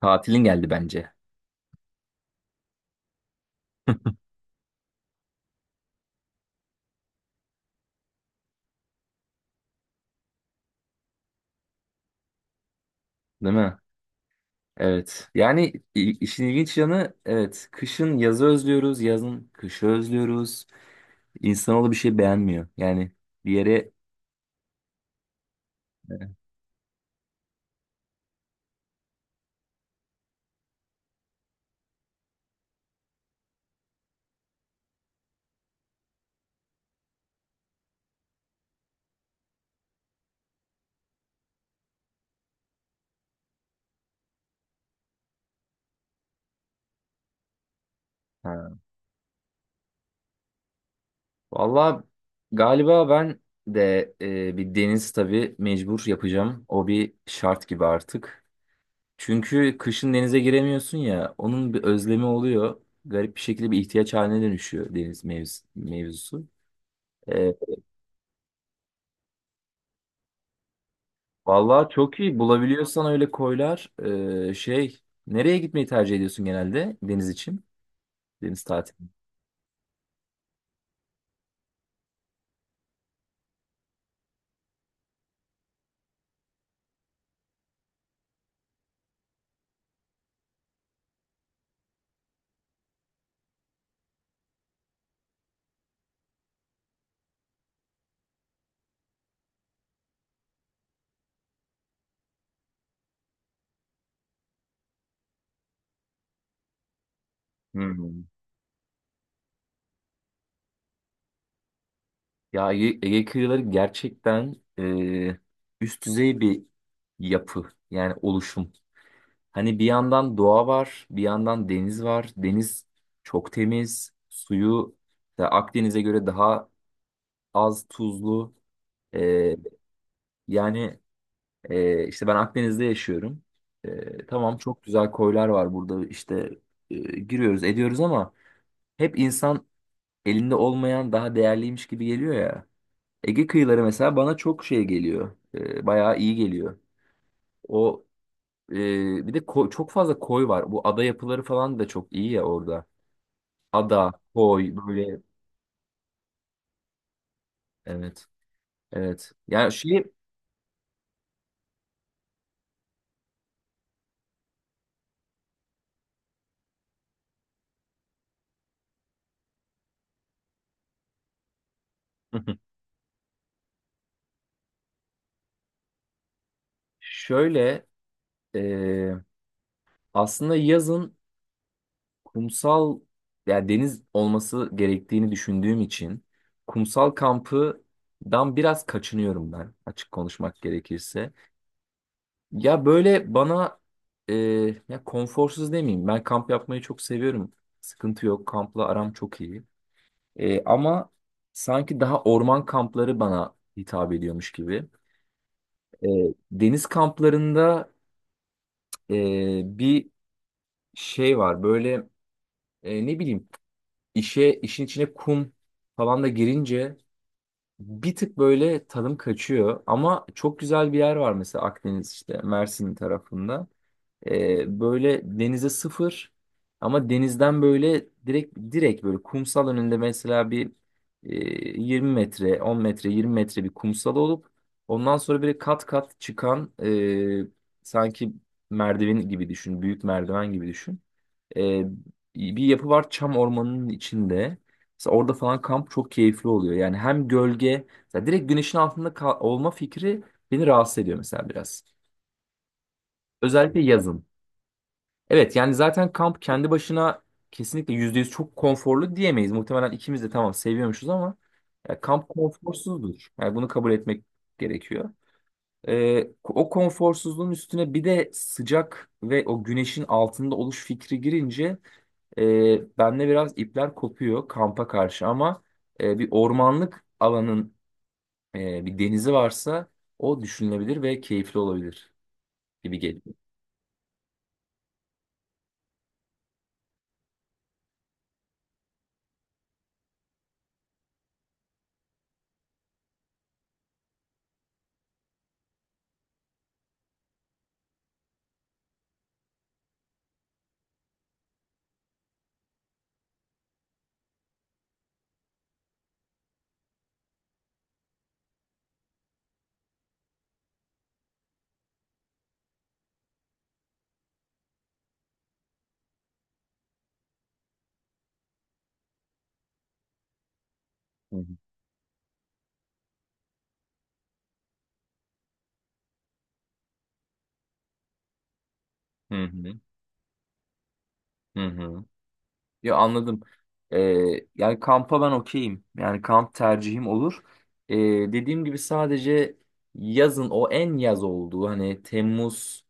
Tatilin geldi bence. Değil mi? Evet. Yani işin ilginç yanı evet. Kışın yazı özlüyoruz. Yazın kışı özlüyoruz. İnsanoğlu bir şey beğenmiyor. Yani bir yere ha. Vallahi galiba ben de bir deniz tabii mecbur yapacağım. O bir şart gibi artık. Çünkü kışın denize giremiyorsun ya. Onun bir özlemi oluyor. Garip bir şekilde bir ihtiyaç haline dönüşüyor deniz mevzusu. E, Vallahi çok iyi. Bulabiliyorsan öyle koylar. Ee, şey, nereye gitmeyi tercih ediyorsun genelde deniz için? Deniz tatili. Hmm. Ya Ege, Ege kıyıları gerçekten üst düzey bir yapı. Yani oluşum. Hani bir yandan doğa var, bir yandan deniz var. Deniz çok temiz. Suyu da Akdeniz'e göre daha az tuzlu. Ee, yani işte ben Akdeniz'de yaşıyorum. Tamam çok güzel koylar var burada işte giriyoruz ediyoruz ama hep insan elinde olmayan daha değerliymiş gibi geliyor ya. Ege kıyıları mesela bana çok şey geliyor. Bayağı iyi geliyor. O e, bir de çok fazla koy var. Bu ada yapıları falan da çok iyi ya orada. Ada, koy böyle evet. Evet. Yani şey şöyle e, aslında yazın kumsal yani deniz olması gerektiğini düşündüğüm için kumsal kampıdan biraz kaçınıyorum ben açık konuşmak gerekirse. Ya böyle bana e, ya konforsuz demeyeyim. Ben kamp yapmayı çok seviyorum. Sıkıntı yok. Kampla aram çok iyi. Ama sanki daha orman kampları bana hitap ediyormuş gibi. E, deniz kamplarında bir şey var. Böyle ne bileyim işin içine kum falan da girince bir tık böyle tadım kaçıyor. Ama çok güzel bir yer var mesela Akdeniz işte Mersin tarafında. Böyle denize sıfır ama denizden böyle direkt böyle kumsal önünde mesela bir e, 20 metre, 10 metre, 20 metre bir kumsal olup ondan sonra böyle kat kat çıkan sanki merdiven gibi düşün, büyük merdiven gibi düşün. Ee, bir yapı var çam ormanının içinde. Mesela orada falan kamp çok keyifli oluyor. Yani hem gölge, mesela direkt güneşin altında olma fikri beni rahatsız ediyor mesela biraz. Özellikle yazın. Evet yani zaten kamp kendi başına kesinlikle %100 çok konforlu diyemeyiz. Muhtemelen ikimiz de tamam seviyormuşuz ama ya kamp konforsuzdur. Yani bunu kabul etmek gerekiyor. O konforsuzluğun üstüne bir de sıcak ve o güneşin altında oluş fikri girince bende biraz ipler kopuyor kampa karşı ama bir ormanlık alanın bir denizi varsa o düşünülebilir ve keyifli olabilir gibi geliyor. Hı hı. Hı hı. Hı hı. Ya anladım. E, yani kampa ben okeyim. Yani kamp tercihim olur. E, dediğim gibi sadece yazın o en yaz olduğu hani Temmuz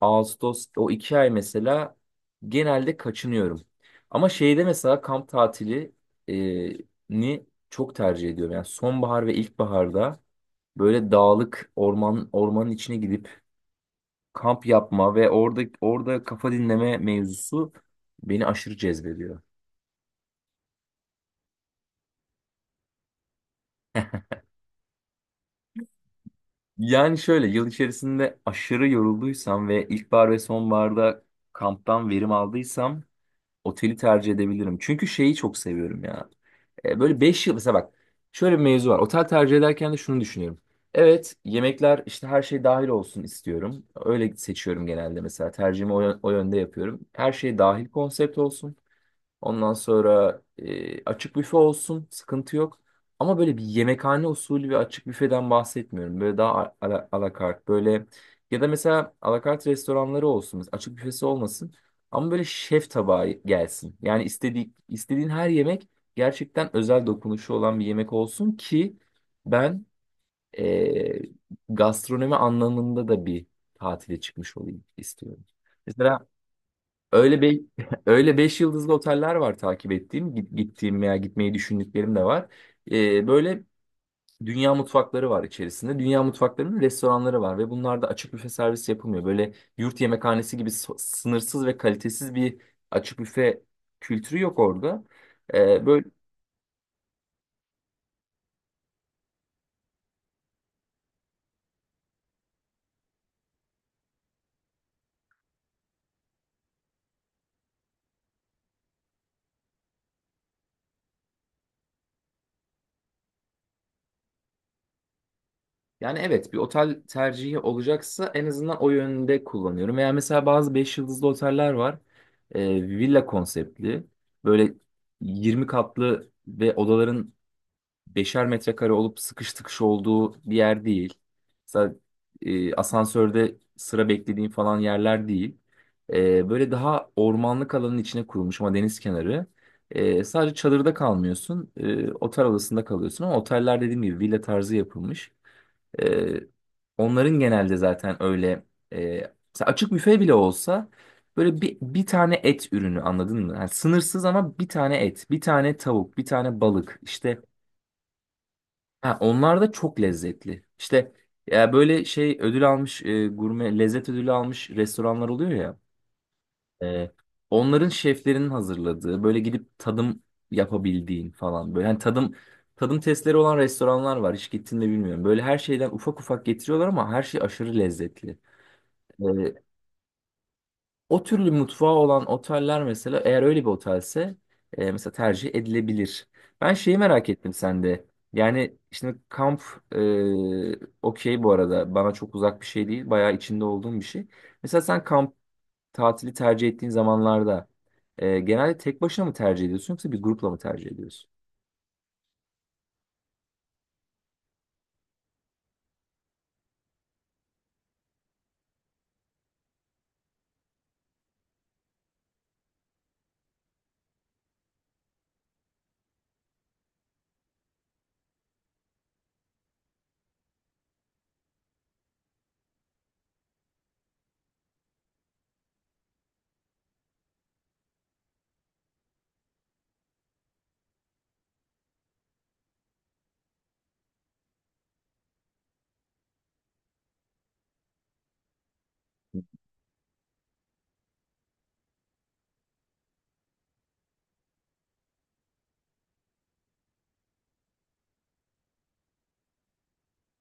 Ağustos o iki ay mesela genelde kaçınıyorum. Ama şeyde mesela kamp tatili e, ni çok tercih ediyorum. Yani sonbahar ve ilkbaharda böyle dağlık ormanın içine gidip kamp yapma ve orada kafa dinleme mevzusu beni aşırı cezbediyor. Yani şöyle yıl içerisinde aşırı yorulduysam ve ilkbahar ve sonbaharda kamptan verim aldıysam oteli tercih edebilirim. Çünkü şeyi çok seviyorum ya. Böyle 5 yıl mesela bak şöyle bir mevzu var. Otel tercih ederken de şunu düşünüyorum. Evet yemekler işte her şey dahil olsun istiyorum. Öyle seçiyorum genelde mesela tercihimi o yönde yapıyorum. Her şey dahil konsept olsun. Ondan sonra açık büfe olsun, sıkıntı yok. Ama böyle bir yemekhane usulü ve açık büfeden bahsetmiyorum. Böyle daha alakart böyle ya da mesela alakart restoranları olsun. Mesela açık büfesi olmasın. Ama böyle şef tabağı gelsin. Yani istediğin her yemek gerçekten özel dokunuşu olan bir yemek olsun ki ben e, gastronomi anlamında da bir tatile çıkmış olayım istiyorum. Mesela öyle be öyle 5 yıldızlı oteller var takip ettiğim, gittiğim veya gitmeyi düşündüklerim de var. Böyle dünya mutfakları var içerisinde. Dünya mutfaklarının restoranları var ve bunlarda açık büfe servis yapılmıyor. Böyle yurt yemekhanesi gibi sınırsız ve kalitesiz bir açık büfe kültürü yok orada. Böyle Yani evet bir otel tercihi olacaksa en azından o yönde kullanıyorum. Veya mesela bazı 5 yıldızlı oteller var. Villa konseptli. Böyle 20 katlı ve odaların 5'er metrekare olup sıkış tıkış olduğu bir yer değil. Mesela asansörde sıra beklediğin falan yerler değil. Böyle daha ormanlık alanın içine kurulmuş ama deniz kenarı. Sadece çadırda kalmıyorsun. Otel odasında kalıyorsun ama oteller dediğim gibi villa tarzı yapılmış. Ee, onların genelde zaten öyle e, mesela açık büfe bile olsa böyle bir tane et ürünü anladın mı? Yani sınırsız ama bir tane et, bir tane tavuk, bir tane balık işte ha, onlar da çok lezzetli. İşte ya böyle şey ödül almış gurme lezzet ödülü almış restoranlar oluyor ya. Ee, onların şeflerinin hazırladığı böyle gidip tadım yapabildiğin falan böyle hani tadım testleri olan restoranlar var hiç gittin mi bilmiyorum. Böyle her şeyden ufak ufak getiriyorlar ama her şey aşırı lezzetli. Ee, o türlü mutfağı olan oteller mesela eğer öyle bir otelse mesela tercih edilebilir. Ben şeyi merak ettim sende. Yani şimdi kamp okey bu arada bana çok uzak bir şey değil bayağı içinde olduğum bir şey. Mesela sen tatili tercih ettiğin zamanlarda genelde tek başına mı tercih ediyorsun yoksa bir grupla mı tercih ediyorsun?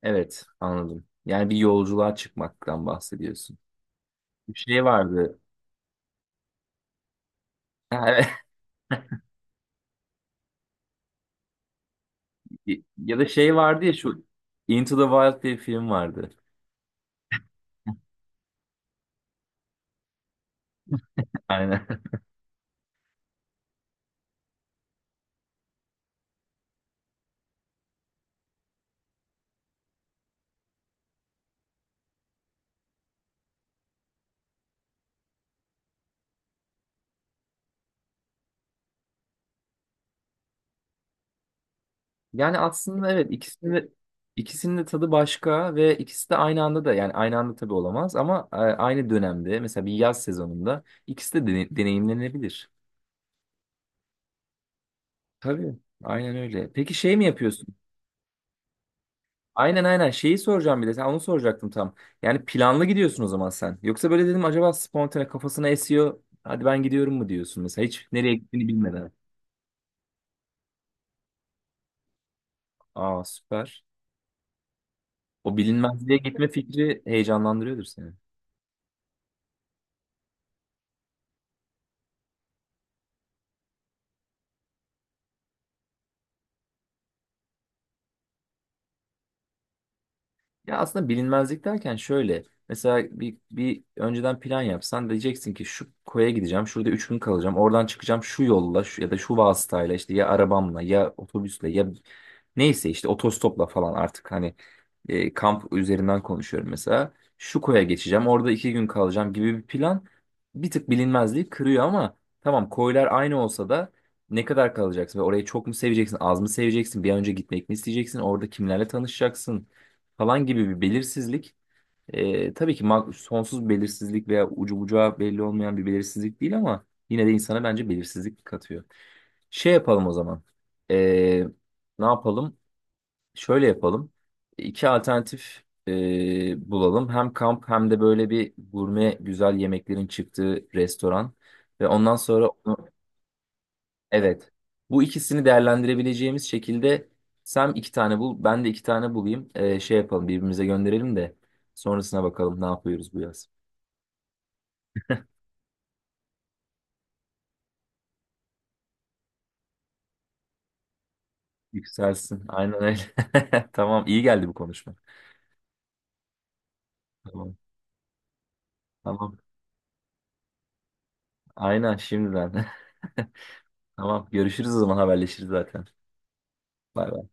Evet, anladım. Yani bir yolculuğa çıkmaktan bahsediyorsun. Bir şey vardı. Ha, evet. Ya da şey vardı ya şu Into the Wild diye bir film vardı. Aynen. Yani aslında evet ikisinin de tadı başka ve ikisi de aynı anda da yani aynı anda tabii olamaz ama aynı dönemde mesela bir yaz sezonunda ikisi de deneyimlenebilir. Tabii. Aynen öyle. Peki şey mi yapıyorsun? Aynen aynen şeyi soracağım bir de sen onu soracaktım tam. Yani planlı gidiyorsun o zaman sen. Yoksa böyle dedim acaba spontane kafasına esiyor. Hadi ben gidiyorum mu diyorsun mesela hiç nereye gittiğini bilmeden. Aa süper. O bilinmezliğe gitme fikri heyecanlandırıyordur seni. Ya aslında bilinmezlik derken şöyle. Mesela bir önceden plan yapsan diyeceksin ki şu koya gideceğim. Şurada 3 gün kalacağım. Oradan çıkacağım şu yolla şu, ya da şu vasıtayla işte ya arabamla ya otobüsle ya neyse işte otostopla falan artık hani kamp üzerinden konuşuyorum mesela. Şu koya geçeceğim. Orada 2 gün kalacağım gibi bir plan bir tık bilinmezliği kırıyor ama tamam koylar aynı olsa da ne kadar kalacaksın ve orayı çok mu seveceksin, az mı seveceksin, bir an önce gitmek mi isteyeceksin, orada kimlerle tanışacaksın falan gibi bir belirsizlik. Tabii ki sonsuz bir belirsizlik veya ucu bucağı belli olmayan bir belirsizlik değil ama yine de insana bence belirsizlik katıyor. Şey yapalım o zaman. E, ne yapalım? Şöyle yapalım. İki alternatif bulalım. Hem kamp hem de böyle bir gurme güzel yemeklerin çıktığı restoran. Ve ondan sonra evet. Bu ikisini değerlendirebileceğimiz şekilde sen iki tane bul, ben de iki tane bulayım. Şey yapalım, birbirimize gönderelim de sonrasına bakalım ne yapıyoruz bu yaz. Yükselsin. Aynen öyle. Tamam, iyi geldi bu konuşma. Tamam. Tamam. Aynen şimdiden. Tamam, görüşürüz o zaman haberleşiriz zaten. Bay bay.